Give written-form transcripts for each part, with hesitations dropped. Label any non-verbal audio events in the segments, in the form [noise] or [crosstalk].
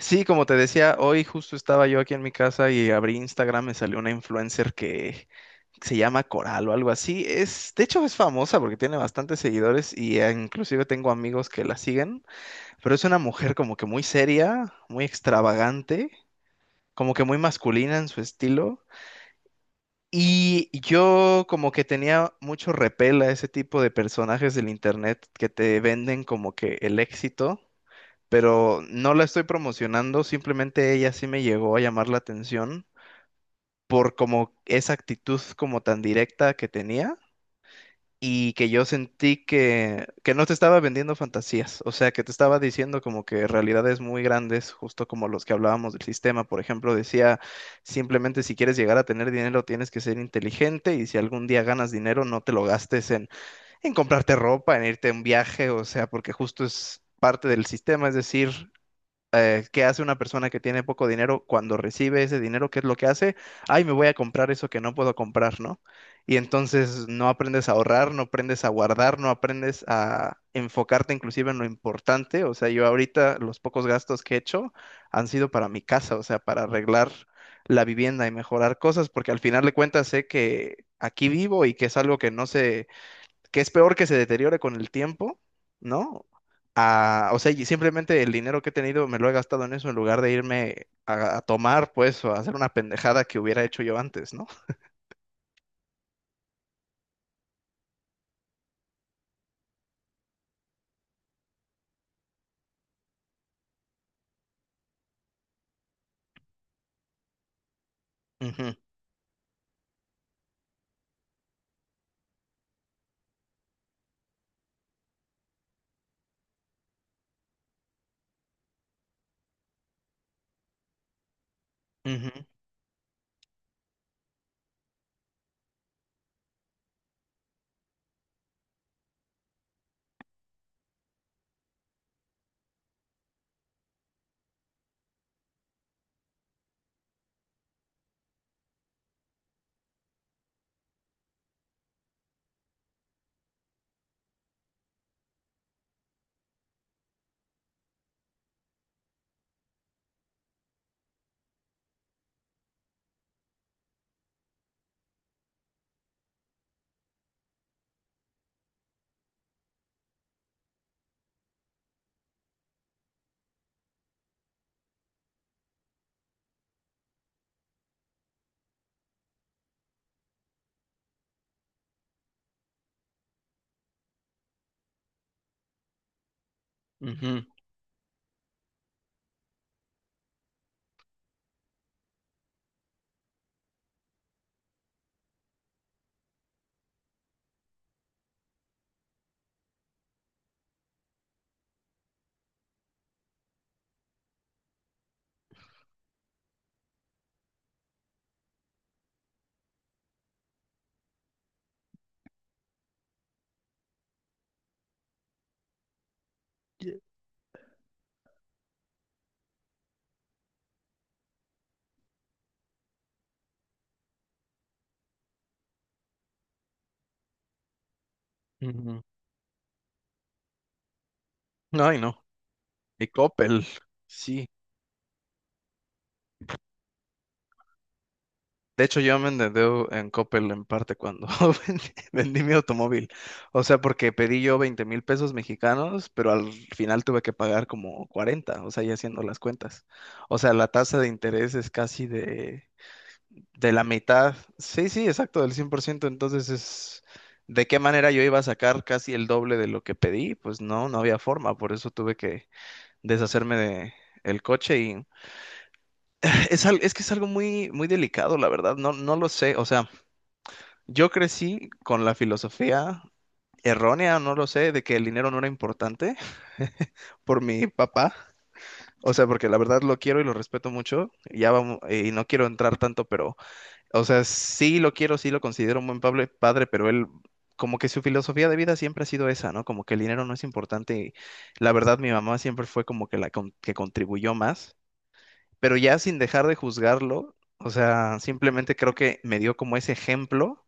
Sí, como te decía, hoy justo estaba yo aquí en mi casa y abrí Instagram. Me salió una influencer que se llama Coral o algo así. De hecho, es famosa porque tiene bastantes seguidores y inclusive tengo amigos que la siguen, pero es una mujer como que muy seria, muy extravagante, como que muy masculina en su estilo. Y yo como que tenía mucho repel a ese tipo de personajes del internet que te venden como que el éxito, pero no la estoy promocionando, simplemente ella sí me llegó a llamar la atención por como esa actitud como tan directa que tenía, y que yo sentí que no te estaba vendiendo fantasías. O sea, que te estaba diciendo como que realidades muy grandes, justo como los que hablábamos del sistema. Por ejemplo, decía simplemente, si quieres llegar a tener dinero tienes que ser inteligente, y si algún día ganas dinero no te lo gastes en comprarte ropa, en irte a un viaje. O sea, porque justo es parte del sistema, es decir, ¿qué hace una persona que tiene poco dinero cuando recibe ese dinero? ¿Qué es lo que hace? Ay, me voy a comprar eso que no puedo comprar, ¿no? Y entonces no aprendes a ahorrar, no aprendes a guardar, no aprendes a enfocarte inclusive en lo importante. O sea, yo ahorita los pocos gastos que he hecho han sido para mi casa, o sea, para arreglar la vivienda y mejorar cosas, porque al final de cuentas sé que aquí vivo y que es algo que no se, que es peor que se deteriore con el tiempo, ¿no? O sea, y simplemente el dinero que he tenido me lo he gastado en eso en lugar de irme a tomar, pues, o a hacer una pendejada que hubiera hecho yo antes, ¿no? Ujú, ujú, ujú, ujú. No, y no. Y Coppel, sí. De hecho, yo me endeudé en Coppel en parte cuando [laughs] vendí, vendí mi automóvil. O sea, porque pedí yo 20,000 pesos mexicanos, pero al final tuve que pagar como 40, o sea, ya haciendo las cuentas. O sea, la tasa de interés es casi de la mitad. Sí, sí, exacto, del 100%. Entonces es, ¿de qué manera yo iba a sacar casi el doble de lo que pedí? Pues no, no había forma, por eso tuve que deshacerme de el coche. Y [clears throat] es que es algo muy, muy delicado, la verdad, no, no lo sé. O sea, yo crecí con la filosofía errónea, no lo sé, de que el dinero no era importante, por mi papá. O sea, porque la verdad lo quiero y lo respeto mucho, ya vamos, y no quiero entrar tanto, pero, o sea, sí lo quiero, sí lo considero un buen padre, pero él, como que su filosofía de vida siempre ha sido esa, ¿no? Como que el dinero no es importante. Y la verdad, mi mamá siempre fue como que que contribuyó más, pero ya sin dejar de juzgarlo. O sea, simplemente creo que me dio como ese ejemplo,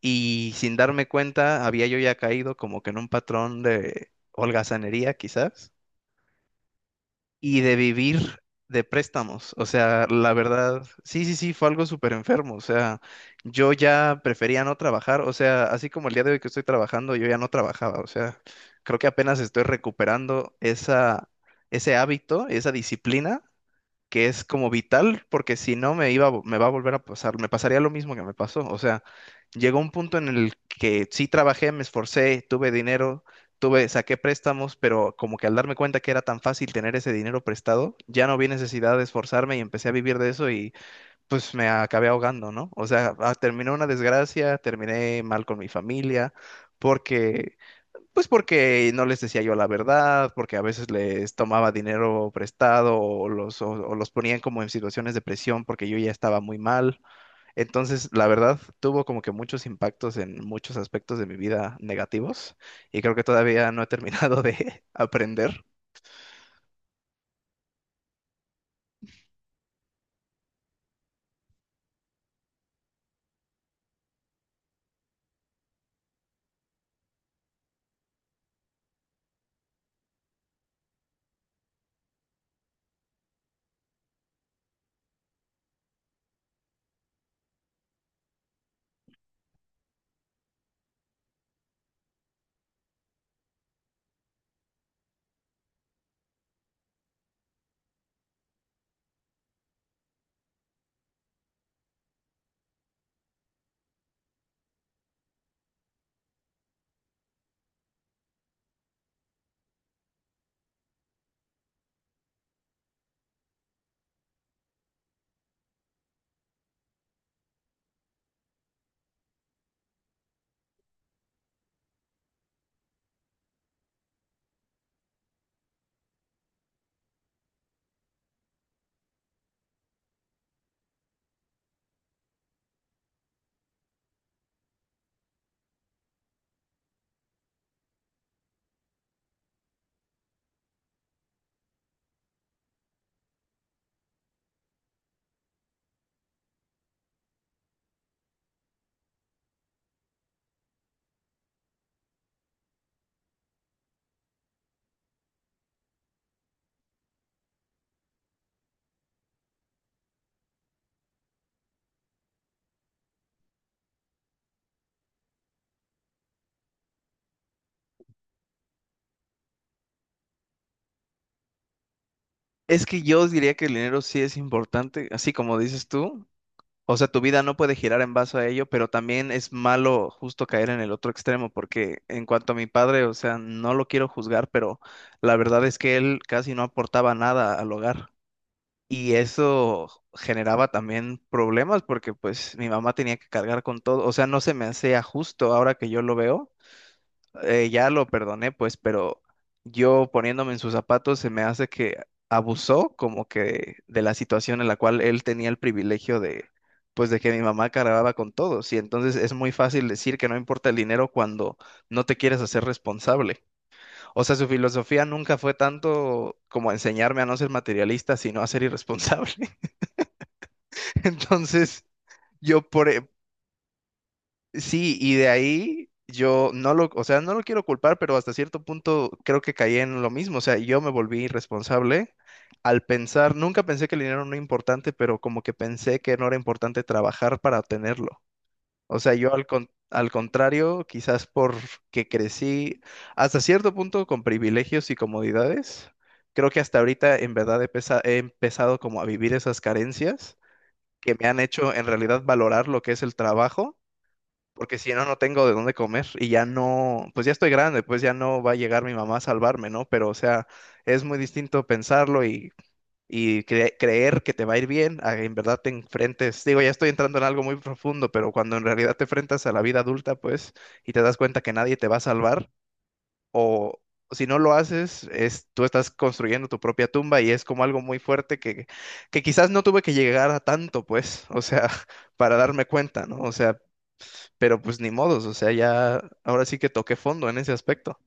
y sin darme cuenta había yo ya caído como que en un patrón de holgazanería, quizás, y de vivir de préstamos. O sea, la verdad, sí, sí, sí, fue algo súper enfermo. O sea, yo ya prefería no trabajar. O sea, así como el día de hoy que estoy trabajando, yo ya no trabajaba. O sea, creo que apenas estoy recuperando esa, ese hábito, esa disciplina, que es como vital, porque si no me va a volver a pasar, me pasaría lo mismo que me pasó. O sea, llegó un punto en el que sí trabajé, me esforcé, tuve dinero, tuve, saqué préstamos, pero como que al darme cuenta que era tan fácil tener ese dinero prestado, ya no vi necesidad de esforzarme y empecé a vivir de eso, y pues me acabé ahogando, ¿no? O sea, ah, terminó una desgracia, terminé mal con mi familia, porque pues porque no les decía yo la verdad, porque a veces les tomaba dinero prestado, o los ponían como en situaciones de presión porque yo ya estaba muy mal. Entonces, la verdad, tuvo como que muchos impactos en muchos aspectos de mi vida negativos, y creo que todavía no he terminado de [laughs] aprender. Es que yo diría que el dinero sí es importante, así como dices tú. O sea, tu vida no puede girar en base a ello, pero también es malo justo caer en el otro extremo, porque en cuanto a mi padre, o sea, no lo quiero juzgar, pero la verdad es que él casi no aportaba nada al hogar. Y eso generaba también problemas porque pues mi mamá tenía que cargar con todo. O sea, no se me hacía justo. Ahora que yo lo veo, ya lo perdoné, pues, pero yo poniéndome en sus zapatos se me hace que abusó como que de la situación en la cual él tenía el privilegio de, pues, de que mi mamá cargaba con todos. Y entonces es muy fácil decir que no importa el dinero cuando no te quieres hacer responsable. O sea, su filosofía nunca fue tanto como enseñarme a no ser materialista, sino a ser irresponsable. [laughs] Entonces... Yo por, e, Sí, y de ahí yo no lo, o sea, no lo quiero culpar, pero hasta cierto punto creo que caí en lo mismo. O sea, yo me volví irresponsable al pensar, nunca pensé que el dinero no era importante, pero como que pensé que no era importante trabajar para obtenerlo. O sea, yo al contrario, quizás porque crecí hasta cierto punto con privilegios y comodidades, creo que hasta ahorita en verdad he empezado como a vivir esas carencias que me han hecho en realidad valorar lo que es el trabajo, porque si no, no tengo de dónde comer, y ya no, pues ya estoy grande, pues ya no va a llegar mi mamá a salvarme, ¿no? Pero, o sea, es muy distinto pensarlo creer que te va a ir bien, a en verdad te enfrentes, digo, ya estoy entrando en algo muy profundo, pero cuando en realidad te enfrentas a la vida adulta, pues, y te das cuenta que nadie te va a salvar, o si no lo haces, tú estás construyendo tu propia tumba, y es como algo muy fuerte que quizás no tuve que llegar a tanto, pues, o sea, [laughs] para darme cuenta, ¿no? O sea, pero pues ni modos, o sea, ya ahora sí que toqué fondo en ese aspecto.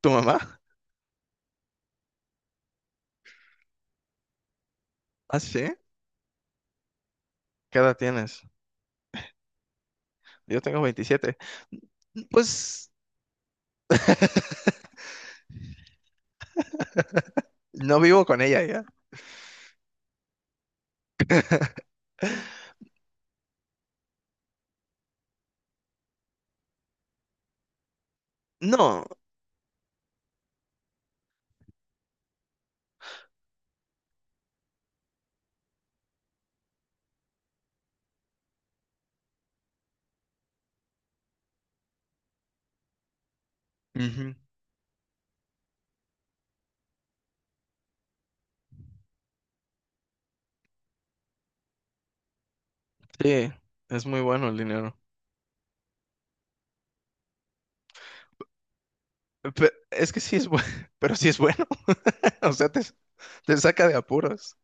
¿Tu mamá? [laughs] ¿Ah, sí? ¿Qué edad tienes? Yo tengo 27. Pues [laughs] no vivo con ella ya. No. Ujú. Sí, es muy bueno el dinero. Pe- es que sí es bueno, [laughs] pero sí es bueno. [laughs] O sea, te saca de apuros.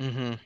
Ujú.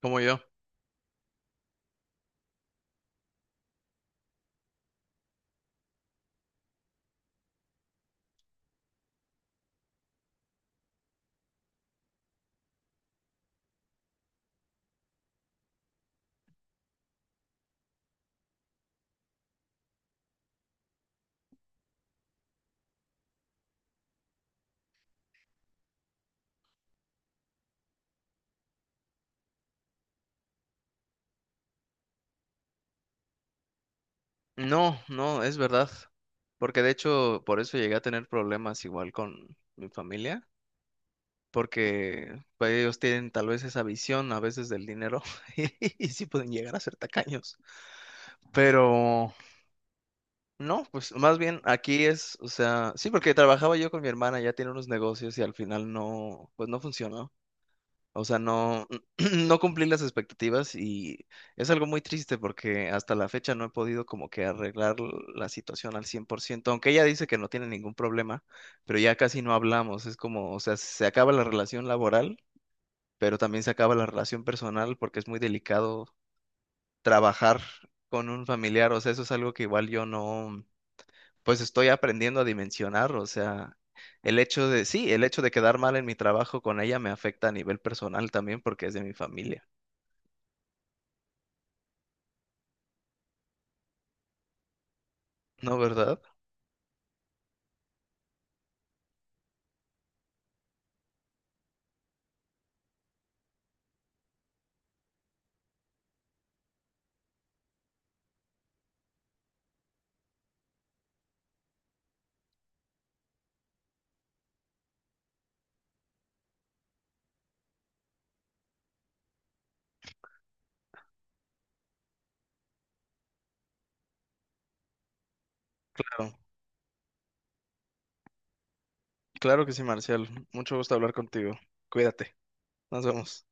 Como yo. No, no, es verdad. Porque de hecho, por eso llegué a tener problemas igual con mi familia, porque pues ellos tienen tal vez esa visión a veces del dinero [laughs] y sí pueden llegar a ser tacaños. Pero no, pues más bien aquí es, o sea, sí, porque trabajaba yo con mi hermana, ya tiene unos negocios y al final no, pues no funcionó. O sea, no, [clears throat] no cumplí las expectativas, y es algo muy triste porque hasta la fecha no he podido como que arreglar la situación al 100%, aunque ella dice que no tiene ningún problema, pero ya casi no hablamos. Es como, o sea, se acaba la relación laboral pero también se acaba la relación personal porque es muy delicado trabajar con un familiar. O sea, eso es algo que igual yo no, pues estoy aprendiendo a dimensionar. O sea, el hecho de, sí, el hecho de quedar mal en mi trabajo con ella me afecta a nivel personal también porque es de mi familia, ¿no, verdad? Claro, claro que sí, Marcial, mucho gusto hablar contigo, cuídate, nos vemos.